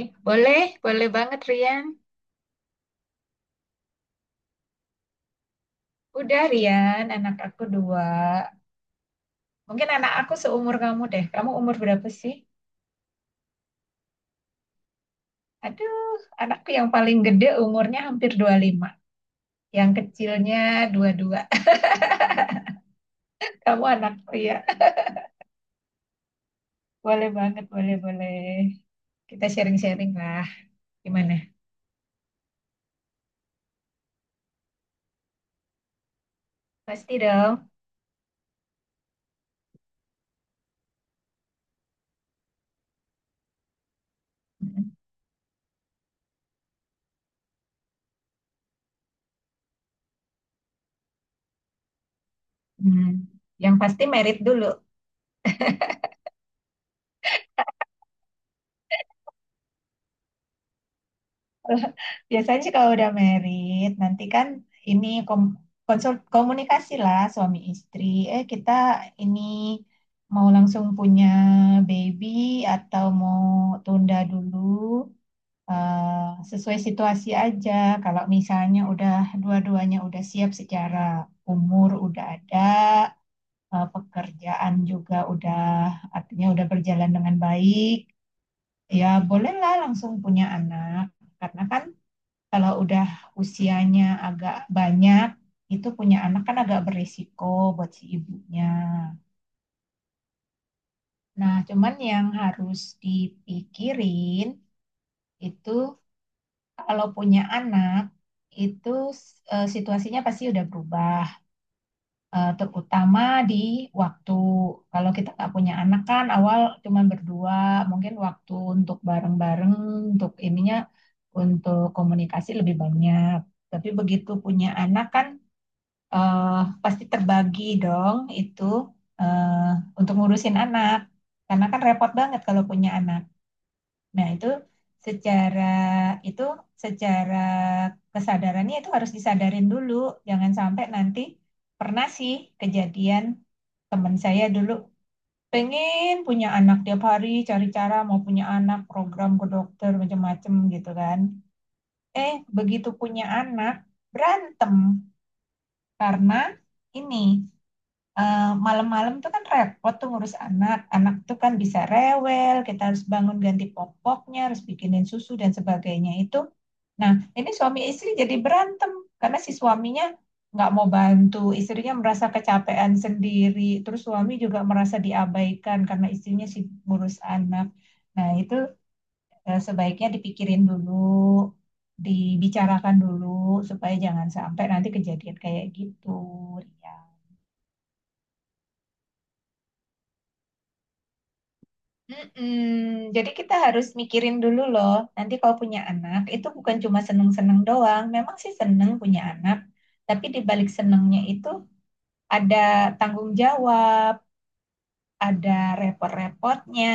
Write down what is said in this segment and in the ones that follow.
Eh, boleh, boleh banget, Rian. Udah, Rian, anak aku dua. Mungkin anak aku seumur kamu deh. Kamu umur berapa sih? Aduh, anakku yang paling gede umurnya hampir 25. Yang kecilnya 22. Kamu anakku, ya. Boleh banget, boleh, boleh. Kita sharing-sharing lah. Gimana? Pasti dong. Hmm. Yang pasti merit dulu. Biasanya sih kalau udah married, nanti kan ini kom komunikasi lah suami istri. Kita ini mau langsung punya baby atau mau tunda dulu, sesuai situasi aja. Kalau misalnya udah dua-duanya udah siap secara umur udah ada, pekerjaan juga udah artinya udah berjalan dengan baik, ya bolehlah langsung punya anak. Karena kan kalau udah usianya agak banyak, itu punya anak kan agak berisiko buat si ibunya. Nah, cuman yang harus dipikirin itu kalau punya anak, itu situasinya pasti udah berubah. Terutama di waktu. Kalau kita nggak punya anak kan awal cuman berdua, mungkin waktu untuk bareng-bareng, untuk ininya, untuk komunikasi lebih banyak. Tapi begitu punya anak kan eh, pasti terbagi dong itu, eh, untuk ngurusin anak. Karena kan repot banget kalau punya anak. Nah, secara itu secara kesadarannya itu harus disadarin dulu. Jangan sampai nanti pernah sih kejadian. Teman saya dulu pengen punya anak, tiap hari cari cara mau punya anak, program ke dokter macam-macam gitu kan. Begitu punya anak, berantem karena ini, eh, malam-malam tuh kan repot tuh ngurus anak. Anak tuh kan bisa rewel, kita harus bangun ganti popoknya, harus bikinin susu dan sebagainya itu. Nah, ini suami istri jadi berantem karena si suaminya nggak mau bantu, istrinya merasa kecapean sendiri, terus suami juga merasa diabaikan karena istrinya sibuk ngurus anak. Nah, itu sebaiknya dipikirin dulu, dibicarakan dulu supaya jangan sampai nanti kejadian kayak gitu, ya. Mm-mm. Jadi kita harus mikirin dulu loh. Nanti kalau punya anak itu bukan cuma seneng-seneng doang. Memang sih seneng punya anak, tapi di balik senengnya itu ada tanggung jawab, ada repot-repotnya,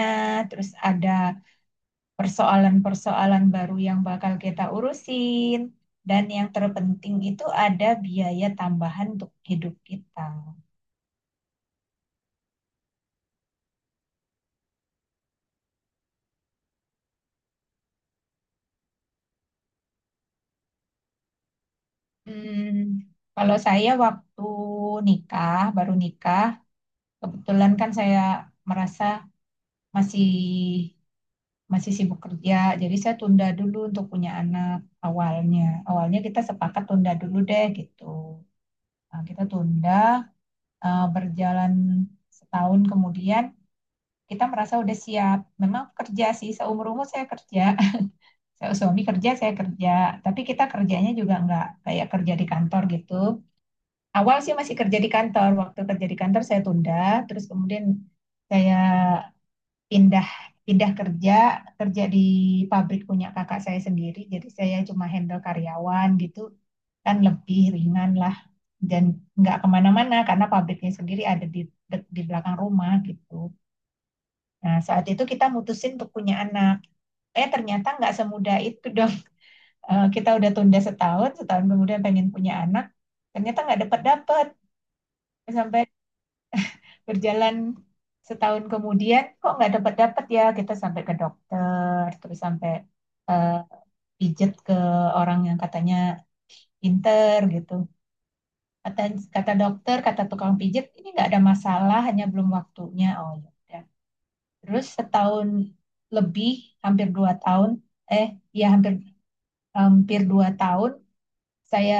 terus ada persoalan-persoalan baru yang bakal kita urusin, dan yang terpenting itu ada biaya tambahan untuk hidup kita. Hmm, kalau saya waktu nikah, baru nikah, kebetulan kan saya merasa masih masih sibuk kerja, jadi saya tunda dulu untuk punya anak awalnya. Awalnya kita sepakat tunda dulu deh gitu. Nah, kita tunda, berjalan setahun kemudian kita merasa udah siap. Memang kerja sih, seumur umur saya kerja. Saya suami kerja, saya kerja. Tapi kita kerjanya juga nggak kayak kerja di kantor gitu. Awal sih masih kerja di kantor. Waktu kerja di kantor saya tunda, terus kemudian saya pindah pindah kerja, di pabrik punya kakak saya sendiri, jadi saya cuma handle karyawan gitu, kan lebih ringan lah, dan nggak kemana-mana karena pabriknya sendiri ada di di belakang rumah gitu. Nah, saat itu kita mutusin untuk punya anak. Ternyata nggak semudah itu dong. Kita udah tunda setahun, setahun kemudian pengen punya anak, ternyata nggak dapat dapat. Sampai berjalan setahun kemudian, kok nggak dapat dapat ya, kita sampai ke dokter, terus sampai eh, pijet ke orang yang katanya pinter gitu. Kata kata dokter, kata tukang pijet, ini nggak ada masalah, hanya belum waktunya. Oh, ya, udah. Terus setahun lebih, hampir 2 tahun, eh ya, hampir hampir 2 tahun saya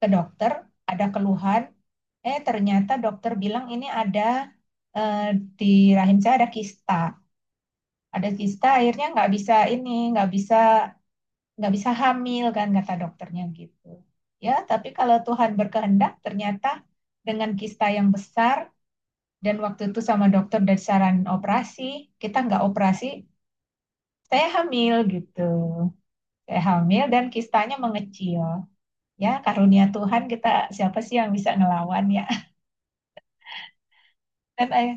ke dokter, ada keluhan. Ternyata dokter bilang ini ada, eh, di rahim saya ada kista. Ada kista, akhirnya nggak bisa ini, nggak bisa hamil kan kata dokternya gitu. Ya, tapi kalau Tuhan berkehendak, ternyata dengan kista yang besar, dan waktu itu sama dokter dari saran operasi, kita nggak operasi, saya hamil gitu. Saya hamil dan kistanya mengecil. Ya, karunia Tuhan, kita siapa sih yang bisa ngelawan, ya. Dan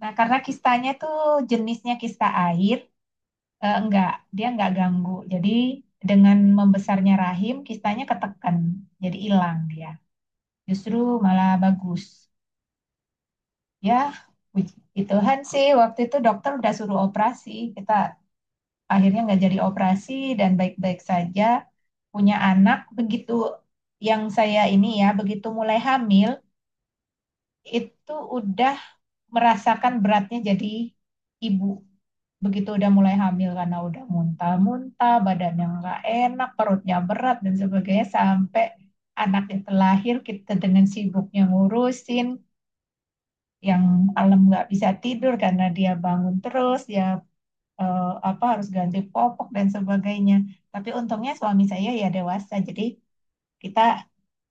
nah, karena kistanya tuh jenisnya kista air, enggak, dia enggak ganggu. Jadi dengan membesarnya rahim, kistanya ketekan, jadi hilang dia. Justru malah bagus. Ya, puji Tuhan sih waktu itu dokter udah suruh operasi. Kita akhirnya nggak jadi operasi dan baik-baik saja. Punya anak begitu, yang saya ini ya, begitu mulai hamil itu udah merasakan beratnya jadi ibu. Begitu udah mulai hamil karena udah muntah-muntah, badannya nggak enak, perutnya berat dan sebagainya, sampai anak itu lahir kita dengan sibuknya ngurusin. Yang malam nggak bisa tidur karena dia bangun terus, dia apa, harus ganti popok dan sebagainya. Tapi untungnya suami saya ya dewasa, jadi kita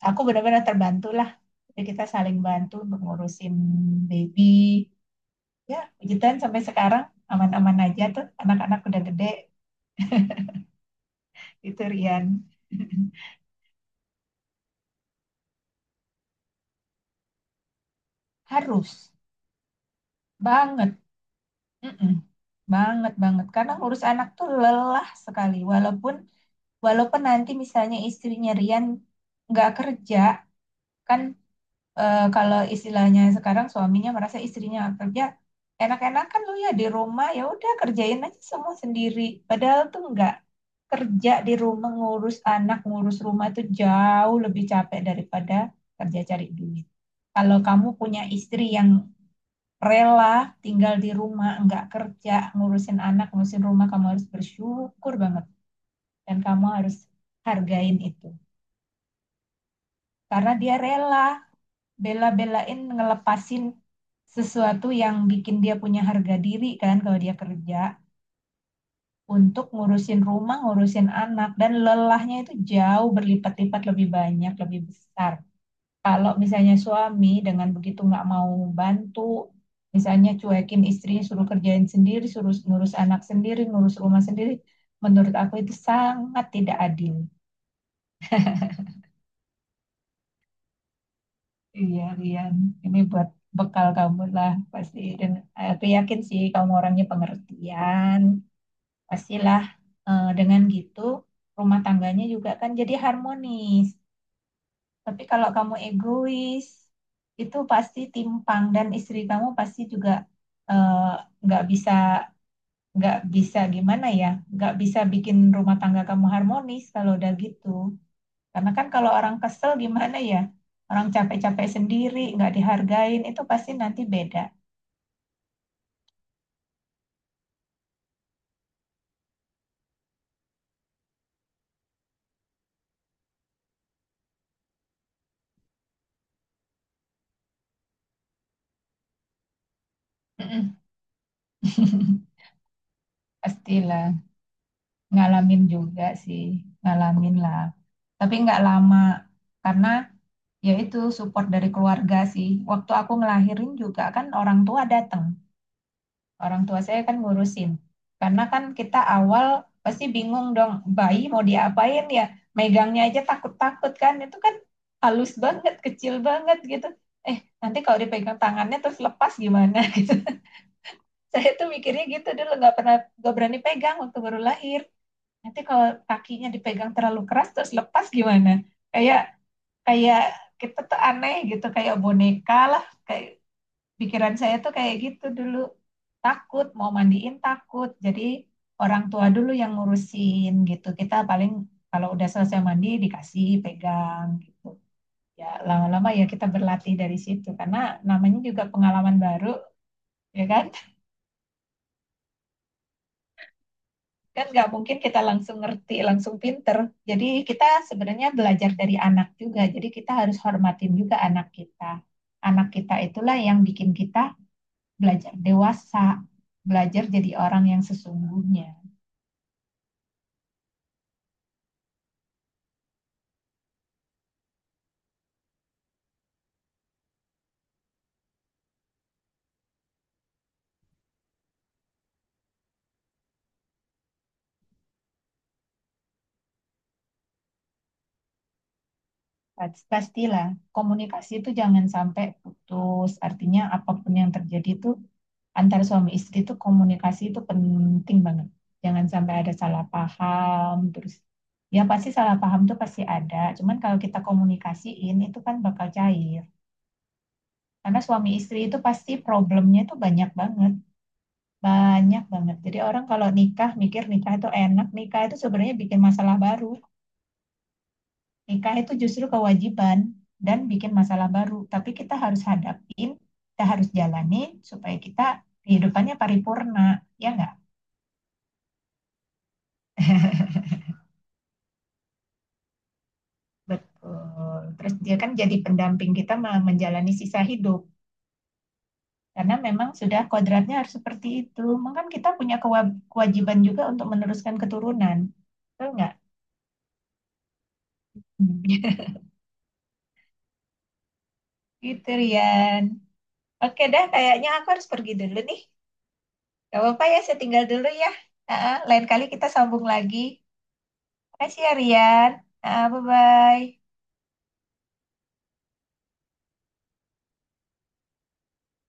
aku benar-benar terbantu lah. Jadi kita saling bantu untuk ngurusin baby. Ya, puji Tuhan sampai sekarang aman-aman aja tuh, anak-anak udah gede, itu Rian. Harus banget. Mm-mm. Banget, banget. Karena ngurus anak tuh lelah sekali, walaupun. Walaupun nanti misalnya istrinya Rian nggak kerja, kan kalau istilahnya sekarang suaminya merasa istrinya nggak kerja, enak-enak kan lu ya di rumah, ya udah kerjain aja semua sendiri. Padahal tuh nggak, kerja di rumah ngurus anak, ngurus rumah itu jauh lebih capek daripada kerja cari duit. Kalau kamu punya istri yang rela tinggal di rumah, nggak kerja, ngurusin anak, ngurusin rumah, kamu harus bersyukur banget, dan kamu harus hargain itu. Karena dia rela bela-belain ngelepasin sesuatu yang bikin dia punya harga diri, kan kalau dia kerja untuk ngurusin rumah, ngurusin anak, dan lelahnya itu jauh berlipat-lipat, lebih banyak, lebih besar. Kalau misalnya suami dengan begitu nggak mau bantu, misalnya cuekin istrinya, suruh kerjain sendiri, suruh ngurus anak sendiri, ngurus rumah sendiri, menurut aku itu sangat tidak adil. Iya, Rian. Ini buat bekal kamu lah pasti. Dan aku yakin sih kamu orangnya pengertian. Pastilah, dengan gitu rumah tangganya juga kan jadi harmonis. Tapi kalau kamu egois, itu pasti timpang, dan istri kamu pasti juga eh, nggak bisa, gimana ya, nggak bisa bikin rumah tangga kamu harmonis kalau udah gitu. Karena kan kalau orang kesel gimana ya? Orang capek-capek sendiri, nggak dihargain, itu pasti nanti beda. Mm-mm. Pastilah, ngalamin juga sih, ngalamin lah. Tapi nggak lama, karena ya itu support dari keluarga sih. Waktu aku ngelahirin juga kan orang tua datang. Orang tua saya kan ngurusin. Karena kan kita awal pasti bingung dong, bayi mau diapain ya? Megangnya aja takut-takut kan. Itu kan halus banget, kecil banget gitu. Nanti kalau dipegang tangannya terus lepas gimana gitu. Saya tuh mikirnya gitu dulu, nggak pernah, nggak berani pegang waktu baru lahir. Nanti kalau kakinya dipegang terlalu keras terus lepas gimana? Kayak kayak kita tuh aneh gitu, kayak boneka lah, kayak pikiran saya tuh kayak gitu dulu. Takut, mau mandiin takut. Jadi orang tua dulu yang ngurusin gitu. Kita paling kalau udah selesai mandi dikasih pegang gitu. Ya lama-lama ya kita berlatih dari situ. Karena namanya juga pengalaman baru, ya kan? Kan nggak mungkin kita langsung ngerti, langsung pinter. Jadi kita sebenarnya belajar dari anak juga. Jadi kita harus hormatin juga anak kita. Anak kita itulah yang bikin kita belajar dewasa, belajar jadi orang yang sesungguhnya. Pastilah komunikasi itu jangan sampai putus. Artinya apapun yang terjadi itu antara suami istri itu komunikasi itu penting banget. Jangan sampai ada salah paham, terus ya pasti salah paham tuh pasti ada. Cuman kalau kita komunikasiin itu kan bakal cair. Karena suami istri itu pasti problemnya itu banyak banget, banyak banget. Jadi orang kalau nikah mikir nikah itu enak, nikah itu sebenarnya bikin masalah baru. Nikah itu justru kewajiban dan bikin masalah baru. Tapi kita harus hadapin, kita harus jalani supaya kita kehidupannya paripurna, ya nggak? Betul. Terus dia kan jadi pendamping kita menjalani sisa hidup. Karena memang sudah kodratnya harus seperti itu. Mungkin kita punya kewajiban juga untuk meneruskan keturunan. Betul nggak? Hmm. Gitu, Rian. Oke dah, kayaknya aku harus pergi dulu nih. Gak apa-apa ya, saya tinggal dulu ya. Lain kali kita sambung lagi. Makasih ya, Rian. Bye-bye.